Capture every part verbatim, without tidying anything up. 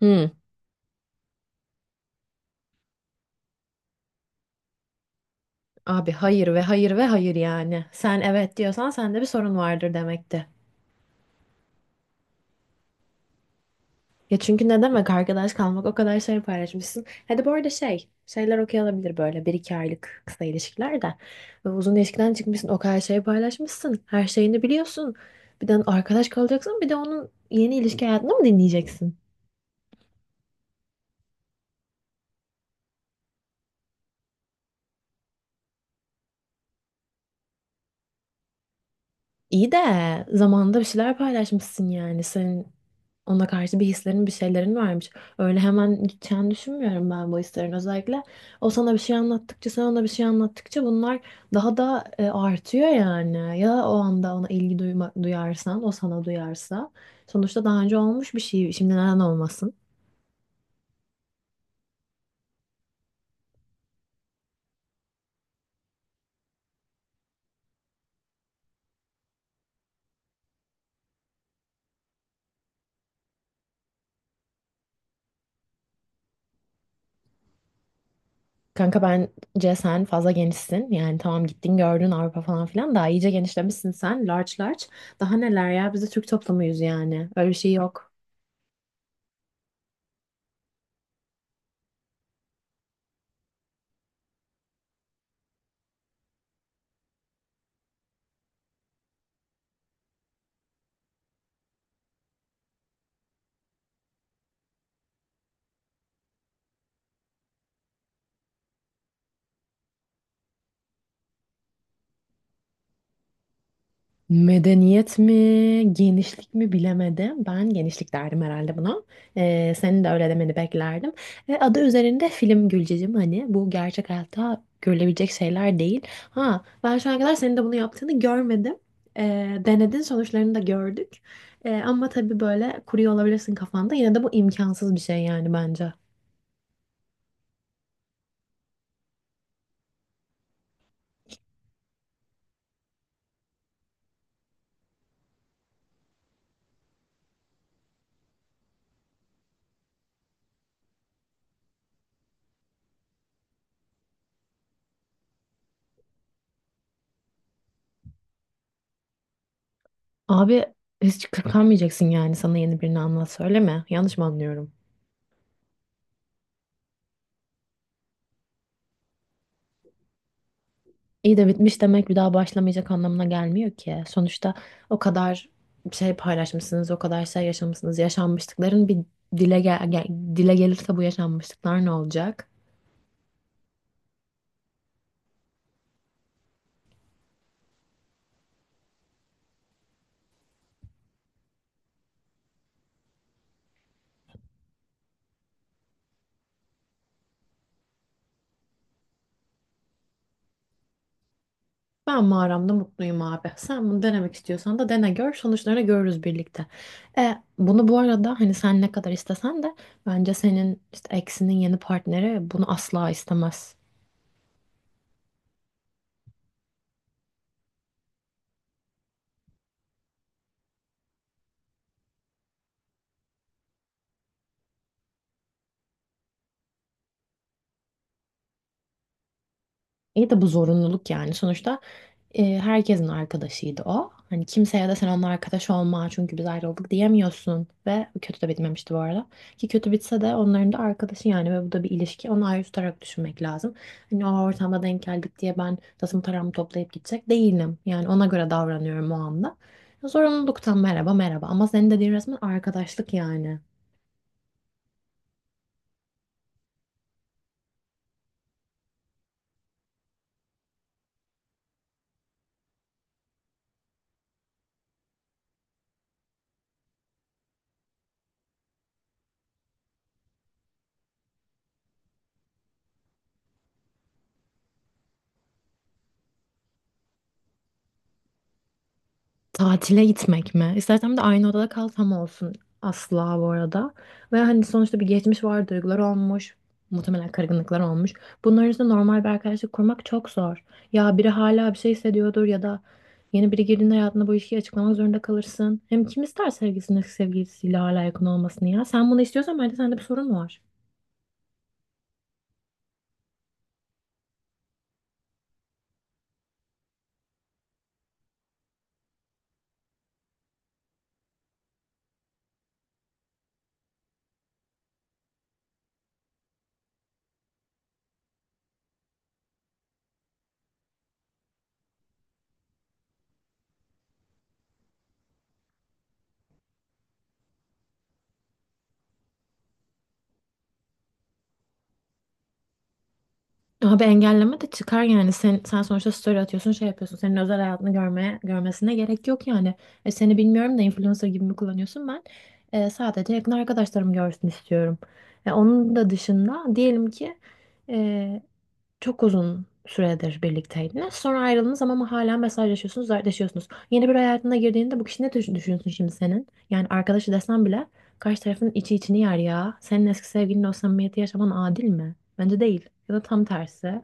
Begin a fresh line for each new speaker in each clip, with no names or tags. Hı. Abi hayır ve hayır ve hayır yani. Sen evet diyorsan sende bir sorun vardır demekti. Ya çünkü ne demek arkadaş kalmak o kadar şey paylaşmışsın. Hadi bu arada şey şeyler okey olabilir böyle bir iki aylık kısa ilişkiler de. Ve Uzun ilişkiden çıkmışsın o kadar şey paylaşmışsın. Her şeyini biliyorsun. Bir de arkadaş kalacaksın bir de onun yeni ilişki hayatını mı dinleyeceksin? İyi de zamanında bir şeyler paylaşmışsın yani. Senin ona karşı bir hislerin, bir şeylerin varmış. Öyle hemen gideceğini düşünmüyorum ben bu hislerin. Özellikle o sana bir şey anlattıkça, sen ona bir şey anlattıkça bunlar daha da e, artıyor yani. Ya o anda ona ilgi duyma, duyarsan, o sana duyarsa. Sonuçta daha önce olmuş bir şey. Şimdi neden olmasın? Kanka bence sen fazla genişsin. Yani tamam gittin gördün Avrupa falan filan. Daha iyice genişlemişsin sen. Large large. Daha neler ya? Biz de Türk toplumuyuz yani. Öyle bir şey yok. Medeniyet mi, genişlik mi bilemedim. Ben genişlik derdim herhalde buna. Ee, senin de öyle demeni beklerdim. E, adı üzerinde film Gülcecim, hani bu gerçek hayatta görülebilecek şeyler değil. Ha, ben şu ana kadar senin de bunu yaptığını görmedim. Ee, denedin, sonuçlarını da gördük. Ee, ama tabii böyle kuruyor olabilirsin kafanda. Yine de bu imkansız bir şey yani bence. Abi hiç kırpamayacaksın yani, sana yeni birini anlat söyleme. Yanlış mı anlıyorum? İyi de bitmiş demek bir daha başlamayacak anlamına gelmiyor ki. Sonuçta o kadar şey paylaşmışsınız, o kadar şey yaşamışsınız. Yaşanmışlıkların bir dile gel gel- dile gelirse bu yaşanmışlıklar ne olacak? Ben mağaramda mutluyum abi. Sen bunu denemek istiyorsan da dene gör. Sonuçlarını görürüz birlikte. E, bunu bu arada hani sen ne kadar istesen de bence senin işte eksinin yeni partneri bunu asla istemez. İyi de bu zorunluluk yani. Sonuçta E, herkesin arkadaşıydı o. Hani kimseye de sen onunla arkadaş olma çünkü biz ayrıldık diyemiyorsun. Ve kötü de bitmemişti bu arada. Ki kötü bitse de onların da arkadaşı yani ve bu da bir ilişki. Onu ayrı tutarak düşünmek lazım. Hani o ortamda denk geldik diye ben tasım taramı toplayıp gidecek değilim. Yani ona göre davranıyorum o anda. Zorunluluktan merhaba merhaba. Ama senin dediğin resmen arkadaşlık yani. Tatile gitmek mi? İstersen bir de aynı odada kal tam olsun. Asla bu arada. Ve hani sonuçta bir geçmiş var, duygular olmuş. Muhtemelen kırgınlıklar olmuş. Bunların üstüne normal bir arkadaşlık kurmak çok zor. Ya biri hala bir şey hissediyordur ya da yeni biri girdiğinde hayatında bu ilişkiyi açıklamak zorunda kalırsın. Hem kim ister sevgilisinin eski sevgilisiyle hala yakın olmasını ya? Sen bunu istiyorsan bence sende bir sorun var. Abi engelleme de çıkar yani. Sen, sen sonuçta story atıyorsun, şey yapıyorsun. Senin özel hayatını görmeye, görmesine gerek yok yani. E, seni bilmiyorum da influencer gibi mi kullanıyorsun ben? E, sadece yakın arkadaşlarım görsün istiyorum. E, onun da dışında diyelim ki e, çok uzun süredir birlikteydiniz. Sonra ayrıldınız ama hala mesajlaşıyorsunuz, dertleşiyorsunuz. Yeni bir hayatına girdiğinde bu kişi ne düşün- düşünüyorsun şimdi senin? Yani arkadaşı desen bile karşı tarafın içi içini yer ya. Senin eski sevgilinin o samimiyeti yaşaman adil mi? Bence değil. Ya da tam tersi.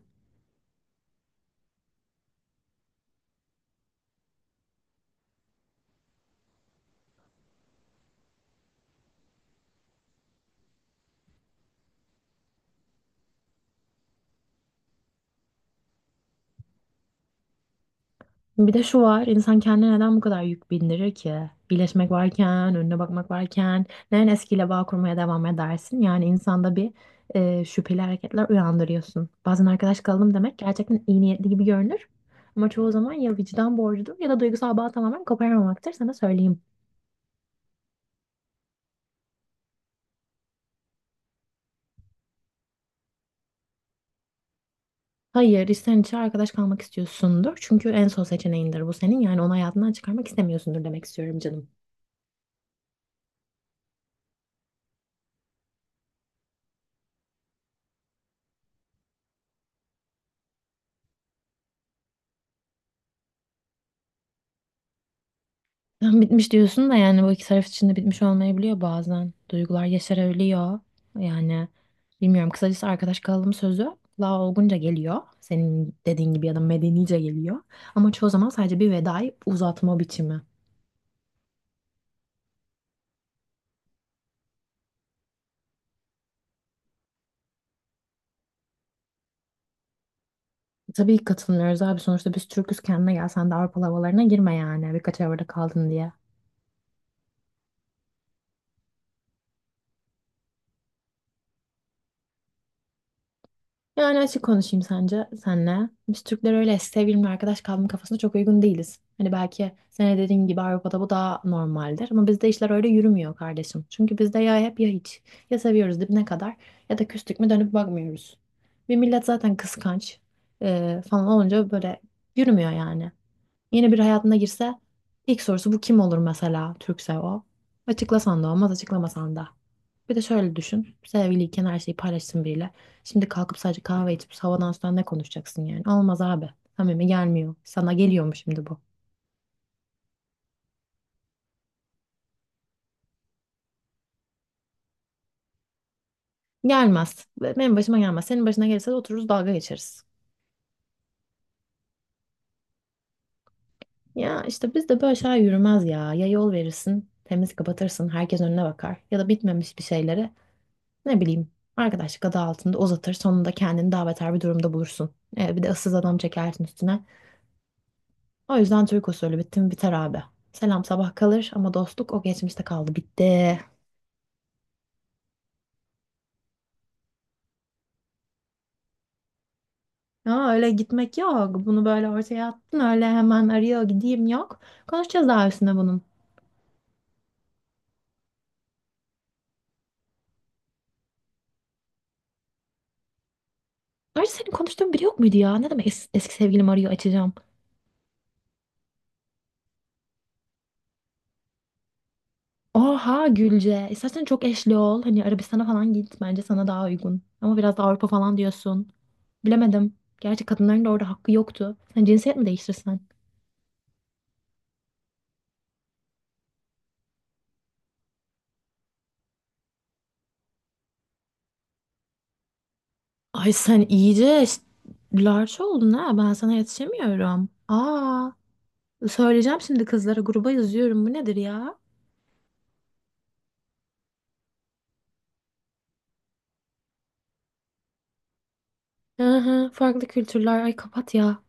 Bir de şu var, insan kendine neden bu kadar yük bindirir ki? İyileşmek varken, önüne bakmak varken, neden eskiyle bağ kurmaya devam edersin? Yani insanda bir e, şüpheli hareketler uyandırıyorsun. Bazen arkadaş kalalım demek gerçekten iyi niyetli gibi görünür. Ama çoğu zaman ya vicdan borcudur ya da duygusal bağ tamamen koparamamaktır, sana söyleyeyim. Hayır, içten içe arkadaş kalmak istiyorsundur. Çünkü en son seçeneğindir bu senin. Yani onu hayatından çıkarmak istemiyorsundur demek istiyorum canım. Tam bitmiş diyorsun da yani bu iki taraf için de bitmiş olmayabiliyor bazen. Duygular yaşarabiliyor. Yani bilmiyorum, kısacası arkadaş kalalım sözü daha olgunca geliyor. Senin dediğin gibi ya da medenice geliyor. Ama çoğu zaman sadece bir vedayı uzatma biçimi. Tabii ki katılmıyoruz abi, sonuçta biz Türk'üz, kendine gel, sen de Avrupalı havalarına girme yani birkaç arabada kaldın diye. Yani açık konuşayım sence senle. Biz Türkler öyle sevgili arkadaş kalma kafasına çok uygun değiliz. Hani belki senin dediğin gibi Avrupa'da bu daha normaldir ama bizde işler öyle yürümüyor kardeşim. Çünkü bizde ya hep ya hiç. Ya seviyoruz dibine kadar ya da küstük mü dönüp bakmıyoruz. Bir millet zaten kıskanç eee, falan olunca böyle yürümüyor yani. Yeni bir hayatına girse ilk sorusu bu kim olur mesela, Türkse o. Açıklasan da olmaz, açıklamasan da. Bir de şöyle düşün. Sevgiliyken her şeyi paylaşsın biriyle. Şimdi kalkıp sadece kahve içip havadan sudan ne konuşacaksın yani? Olmaz abi. Samimi gelmiyor. Sana geliyor mu şimdi bu? Gelmez. Ve Benim başıma gelmez. Senin başına gelirse de otururuz dalga geçeriz. Ya işte bizde böyle şeyler yürümez ya. Ya yol verirsin, temiz kapatırsın, herkes önüne bakar. Ya da bitmemiş bir şeyleri, ne bileyim, arkadaşlık adı altında uzatır, sonunda kendini daha beter bir durumda bulursun. Ee, bir de ıssız adam çekersin üstüne. O yüzden Türk usulü bitti mi biter abi. Selam sabah kalır ama dostluk o geçmişte kaldı, bitti. Aa, öyle gitmek yok. Bunu böyle ortaya attın, öyle hemen arıyor gideyim yok. Konuşacağız daha üstüne bunun. Ayrıca senin konuştuğun biri yok muydu ya? Ne demek es- eski sevgilim arıyor açacağım. Oha Gülce. İstersen çok eşli ol. Hani Arabistan'a falan git. Bence sana daha uygun. Ama biraz da Avrupa falan diyorsun. Bilemedim. Gerçi kadınların da orada hakkı yoktu. Sen cinsiyet mi değiştirsen? Ay sen iyice eş- larç oldun ha. Ben sana yetişemiyorum. Aa, söyleyeceğim, şimdi kızlara gruba yazıyorum. Bu nedir ya? Hı hı, farklı kültürler. Ay kapat ya.